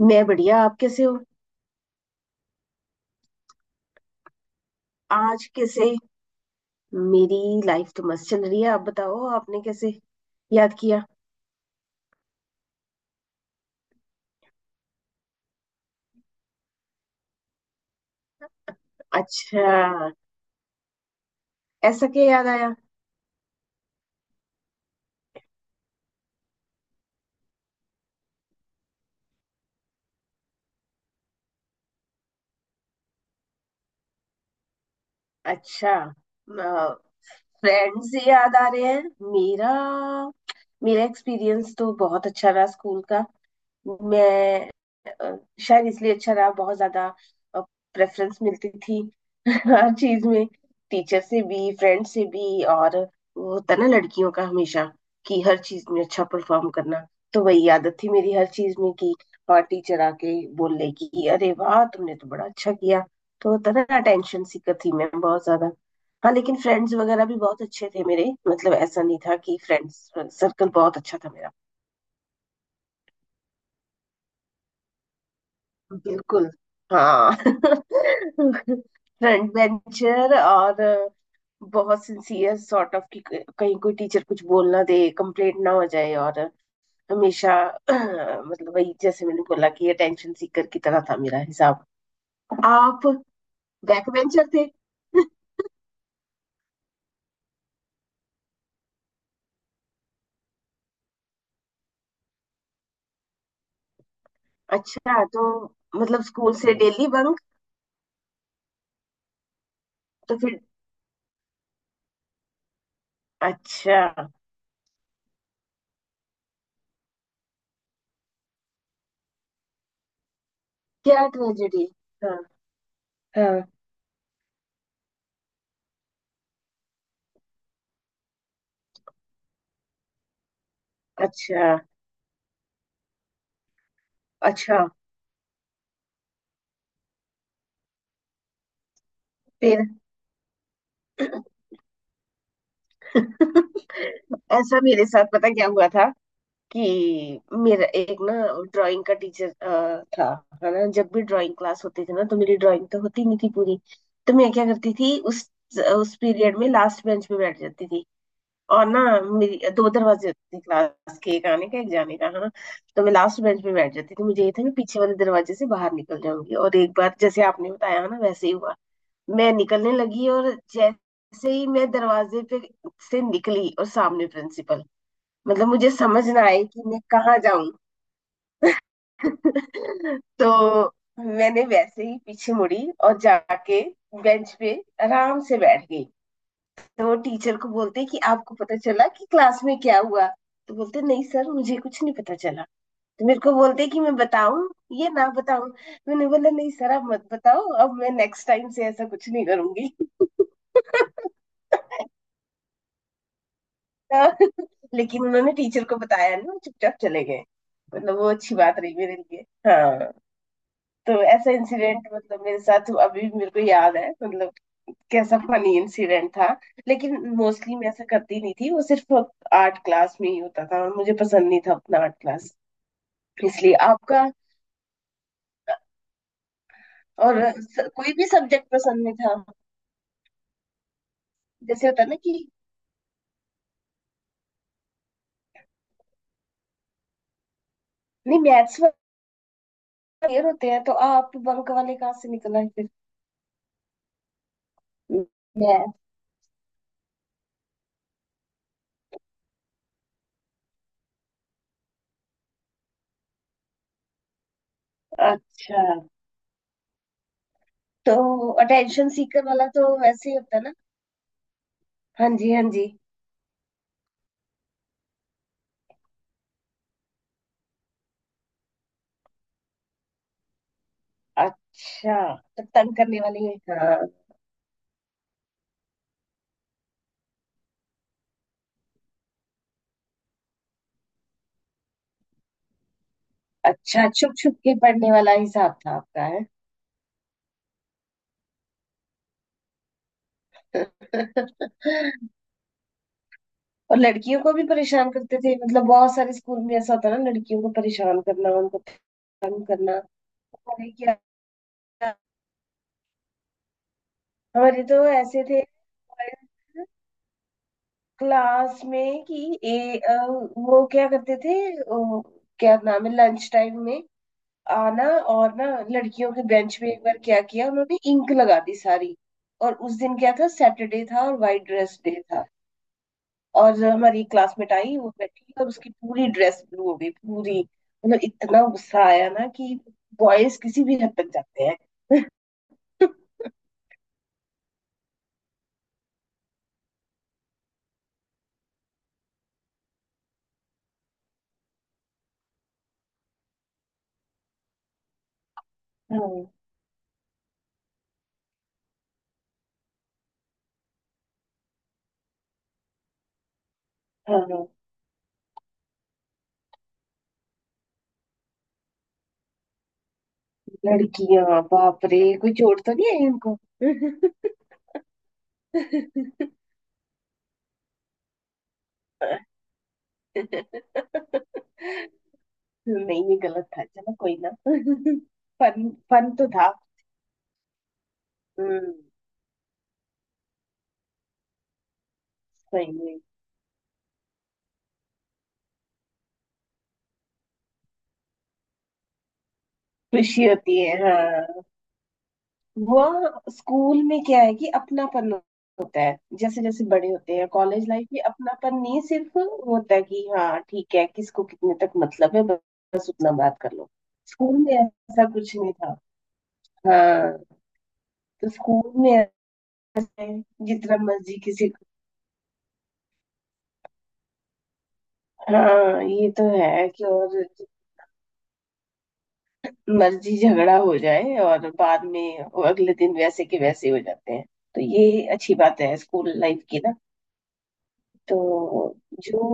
मैं बढ़िया। आप कैसे हो? आज कैसे? मेरी लाइफ तो मस्त चल रही है। आप बताओ आपने कैसे याद किया? अच्छा, ऐसा क्या याद आया? अच्छा, फ्रेंड्स से याद आ रहे हैं। मेरा मेरा एक्सपीरियंस तो बहुत अच्छा रहा स्कूल का। मैं शायद इसलिए अच्छा रहा, बहुत ज्यादा प्रेफरेंस मिलती थी हर चीज में। टीचर से भी, फ्रेंड से भी। और वो होता ना लड़कियों का हमेशा, कि हर चीज में अच्छा परफॉर्म करना, तो वही आदत थी मेरी हर चीज में कि और टीचर आके बोल ले कि अरे वाह तुमने तो बड़ा अच्छा किया। तो होता ना, अटेंशन सीकर थी मैं बहुत ज्यादा। हाँ, लेकिन फ्रेंड्स वगैरह भी बहुत अच्छे थे मेरे, मतलब ऐसा नहीं था कि फ्रेंड्स सर्कल बहुत अच्छा था मेरा। बिल्कुल। हाँ फ्रंट बेंचर, और बहुत सिंसियर सॉर्ट ऑफ कि कहीं कोई टीचर कुछ बोल ना दे, कंप्लेंट ना हो जाए, और हमेशा मतलब वही जैसे मैंने बोला कि अटेंशन सीकर की तरह था मेरा हिसाब। आप बैक बेंचर थे? अच्छा तो मतलब स्कूल से डेली बंक? तो फिर? अच्छा, क्या ट्रेजेडी? हाँ। हाँ। अच्छा। अच्छा। फिर? ऐसा मेरे साथ पता क्या हुआ था कि मेरा एक ना ड्राइंग का टीचर था। है ना, जब भी ड्राइंग क्लास होती थी ना तो मेरी ड्राइंग तो होती नहीं थी पूरी। तो मैं क्या करती थी उस पीरियड में लास्ट बेंच पे बैठ जाती थी। और ना, मेरी दो दरवाजे होते थे क्लास के, एक आने का एक जाने का, है ना। तो मैं लास्ट बेंच पे बैठ जाती थी, मुझे ये था मैं पीछे वाले दरवाजे से बाहर निकल जाऊंगी। और एक बार जैसे आपने बताया है ना वैसे ही हुआ, मैं निकलने लगी और जैसे ही मैं दरवाजे पे से निकली, और सामने प्रिंसिपल। मतलब मुझे समझ ना आए कि मैं कहाँ जाऊं। तो मैंने वैसे ही पीछे मुड़ी और जाके बेंच पे आराम से बैठ गई। तो वो टीचर को बोलते कि आपको पता चला कि क्लास में क्या हुआ, तो बोलते नहीं सर, मुझे कुछ नहीं पता चला। तो मेरे को बोलते कि मैं बताऊं ये ना बताऊं? मैंने बोला नहीं सर आप मत बताओ, अब मैं नेक्स्ट टाइम से ऐसा कुछ नहीं करूंगी। लेकिन उन्होंने टीचर को बताया नहीं, वो चुपचाप चले गए। मतलब वो अच्छी बात रही मेरे लिए। हाँ। तो ऐसा इंसिडेंट मतलब मेरे साथ हुआ, अभी भी मेरे को याद है, मतलब कैसा फनी इंसिडेंट था। लेकिन मोस्टली मैं ऐसा करती नहीं थी, वो सिर्फ आर्ट क्लास में ही होता था और मुझे पसंद नहीं था अपना आर्ट क्लास, इसलिए आपका। और कोई भी सब्जेक्ट पसंद नहीं था जैसे होता है ना कि? नहीं, मैथ्स क्लियर होते हैं तो आप बंक वाले कहाँ से निकला है फिर? मैथ। अच्छा तो अटेंशन सीकर वाला तो वैसे ही होता है ना। हाँ जी, हाँ जी। अच्छा तो तंग करने वाले हैं। अच्छा, छुप छुप के पढ़ने वाला हिसाब था आपका, है। और लड़कियों को भी परेशान करते थे? मतलब बहुत सारे स्कूल में ऐसा होता है ना, लड़कियों को परेशान करना, उनको तंग करना। हमारे क्या, हमारे तो ऐसे थे क्लास में कि वो क्या करते थे क्या नाम है, लंच टाइम में आना। और ना लड़कियों के बेंच पे एक बार क्या किया उन्होंने, इंक लगा दी सारी। और उस दिन क्या था, सैटरडे था और वाइट ड्रेस डे था। और हमारी क्लासमेट आई, वो बैठी और उसकी पूरी ड्रेस ब्लू हो गई पूरी। मतलब इतना गुस्सा आया ना कि बॉयज किसी भी हद तक जाते हैं। हाँ, हाँ। लड़कियां, बाप रे, कोई चोट तो नहीं आई उनको? नहीं ये गलत था, चलो कोई ना। फन फन तो था। हम्म। सही में। खुशी होती है, हाँ। वह, स्कूल में क्या है कि अपनापन होता है, जैसे जैसे बड़े होते हैं कॉलेज लाइफ में अपनापन नहीं, सिर्फ होता है कि हाँ ठीक है, किसको कितने तक मतलब है बस उतना बात कर लो। स्कूल में ऐसा कुछ नहीं था। हाँ। तो स्कूल में ऐसा है, जितना मर्जी किसी को। हाँ ये तो है, कि और मर्जी झगड़ा हो जाए और बाद में वो अगले दिन वैसे के वैसे हो जाते हैं, तो ये अच्छी बात है स्कूल लाइफ की ना। तो जो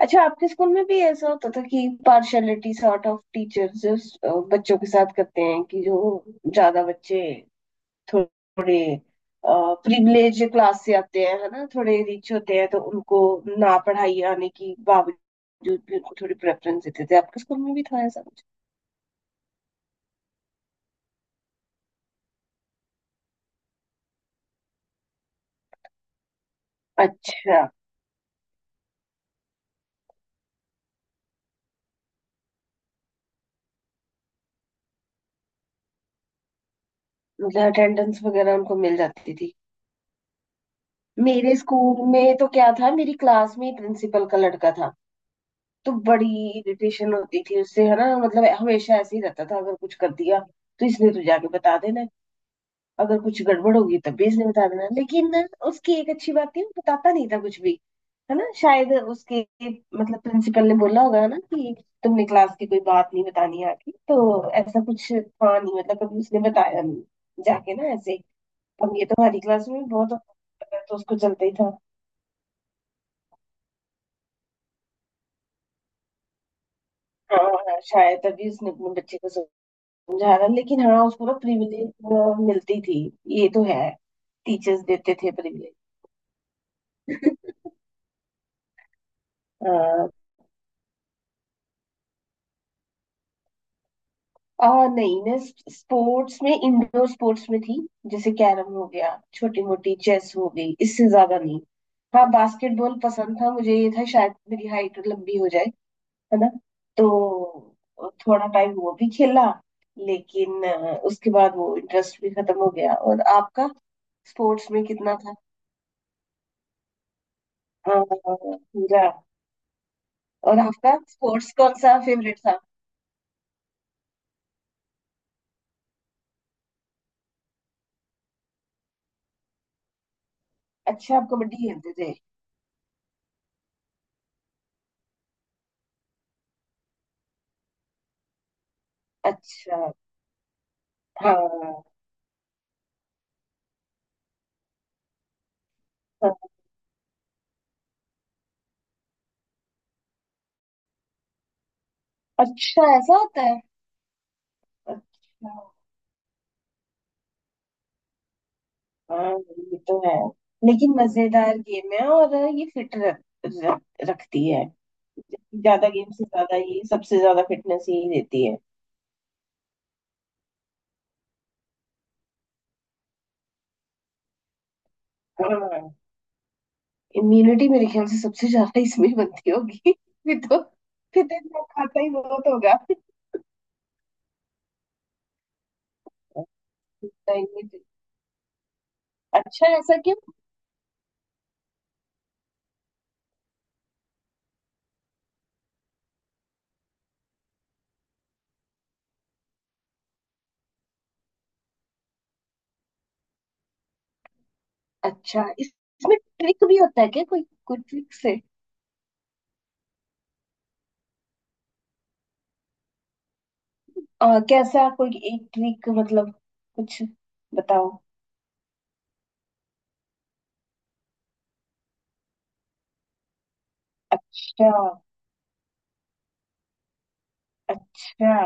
अच्छा, आपके स्कूल में भी ऐसा होता था कि पार्शलिटी सॉर्ट ऑफ टीचर्स बच्चों के साथ करते हैं कि जो ज्यादा बच्चे थोड़े प्रिविलेज क्लास से आते हैं है ना, थोड़े रिच होते हैं, तो उनको ना पढ़ाई आने की बावजूद भी उनको थोड़ी प्रेफरेंस देते थे? आपके स्कूल में भी था ऐसा कुछ? अच्छा, मतलब अटेंडेंस वगैरह उनको मिल जाती थी। मेरे स्कूल में तो क्या था, मेरी क्लास में प्रिंसिपल का लड़का था। तो बड़ी इरिटेशन होती थी उससे, है ना। मतलब हमेशा ऐसे ही रहता था, अगर कुछ कर दिया तो इसने तो जाके बता देना, अगर कुछ गड़बड़ होगी तब भी इसने बता देना। लेकिन ना, उसकी एक अच्छी बात थी, वो बताता नहीं था कुछ भी, है ना। शायद उसके मतलब प्रिंसिपल ने बोला होगा ना कि तुमने क्लास की कोई बात नहीं बतानी आके, तो ऐसा कुछ था नहीं, मतलब कभी उसने बताया नहीं जाके ना ऐसे। अब ये तो हमारी क्लास में बहुत होता है, तो उसको चलता ही था। हाँ। हाँ, शायद तभी उसने अपने बच्चे को समझा रहा, लेकिन हाँ उसको ना प्रिविलेज मिलती थी। ये तो है, टीचर्स देते थे प्रिविलेज। हाँ। और नहीं, मैं स्पोर्ट्स में, इंडोर स्पोर्ट्स में थी। जैसे कैरम हो गया, छोटी मोटी चेस हो गई, इससे ज्यादा नहीं। हाँ, बास्केटबॉल पसंद था मुझे, ये था शायद मेरी हाइट लंबी हो जाए, है ना। तो थोड़ा टाइम वो भी खेला, लेकिन उसके बाद वो इंटरेस्ट भी खत्म हो गया। और आपका स्पोर्ट्स में कितना था? हाँ पूरा। और आपका स्पोर्ट्स कौन सा फेवरेट था? अच्छा, आप कबड्डी खेलते थे? अच्छा। हाँ। हाँ। अच्छा, ऐसा होता है? अच्छा। हाँ ये तो है, लेकिन मजेदार गेम है और ये फिट रख, रख, रखती है। ज्यादा गेम से ज्यादा ये, सबसे ज्यादा फिटनेस यही देती है। हाँ, इम्यूनिटी मेरे ख्याल से सबसे ज्यादा इसमें बनती होगी। फिर तो। फिर तो इतना खाता ही बहुत होगा। नहीं, नहीं, नहीं। अच्छा, ऐसा क्यों? अच्छा इसमें ट्रिक भी होता है क्या, कोई कोई ट्रिक से? कैसा कोई एक ट्रिक, मतलब कुछ बताओ। अच्छा। अच्छा।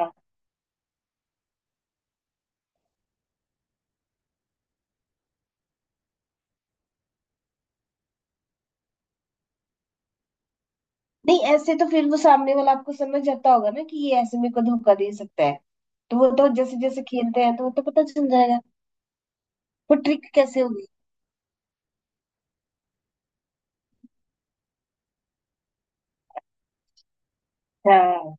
नहीं ऐसे तो फिर वो सामने वाला आपको समझ जाता होगा ना कि ये ऐसे मेरे को धोखा दे सकता है, तो वो तो जैसे जैसे खेलते हैं तो वो तो पता चल जाएगा। वो ट्रिक कैसे होगी? हाँ।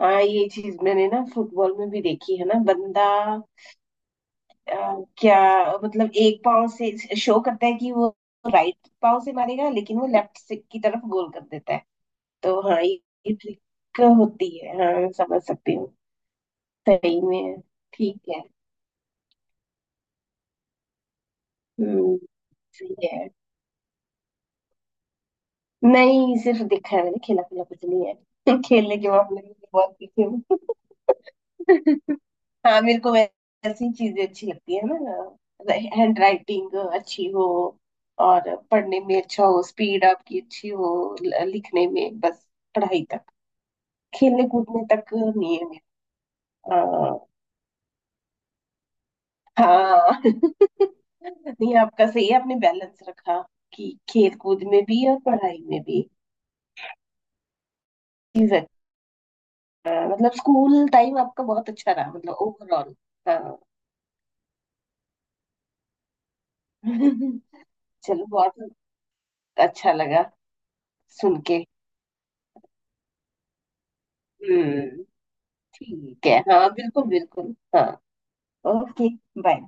हाँ, ये चीज मैंने ना फुटबॉल में भी देखी है ना, बंदा अ, क्या, मतलब एक पाव से शो करता है कि वो राइट पाव से मारेगा लेकिन वो लेफ्ट से की तरफ गोल कर देता है। तो हाँ, ये ट्रिक होती है, हाँ समझ सकती हूँ। सही में। ठीक है। हम्म। सही है। नहीं सिर्फ देखा है, मैंने खेला खेला कुछ नहीं है। खेलने के मामले में तो बहुत पीछे हूँ। हाँ, मेरे को वैसी चीजें अच्छी लगती है ना, हैंड राइटिंग अच्छी हो और पढ़ने में अच्छा हो, स्पीड आपकी अच्छी हो लिखने में, बस पढ़ाई तक। खेलने कूदने तक नहीं है मेरा। अ, हाँ। नहीं आपका सही है, आपने बैलेंस रखा कि खेल कूद में भी और पढ़ाई में भी। चीज। हाँ, मतलब स्कूल टाइम आपका बहुत अच्छा रहा मतलब ओवरऑल। हाँ। चलो बहुत अच्छा लगा सुन के। हम्म। ठीक है हाँ, बिल्कुल बिल्कुल, हाँ। ओके। बाय।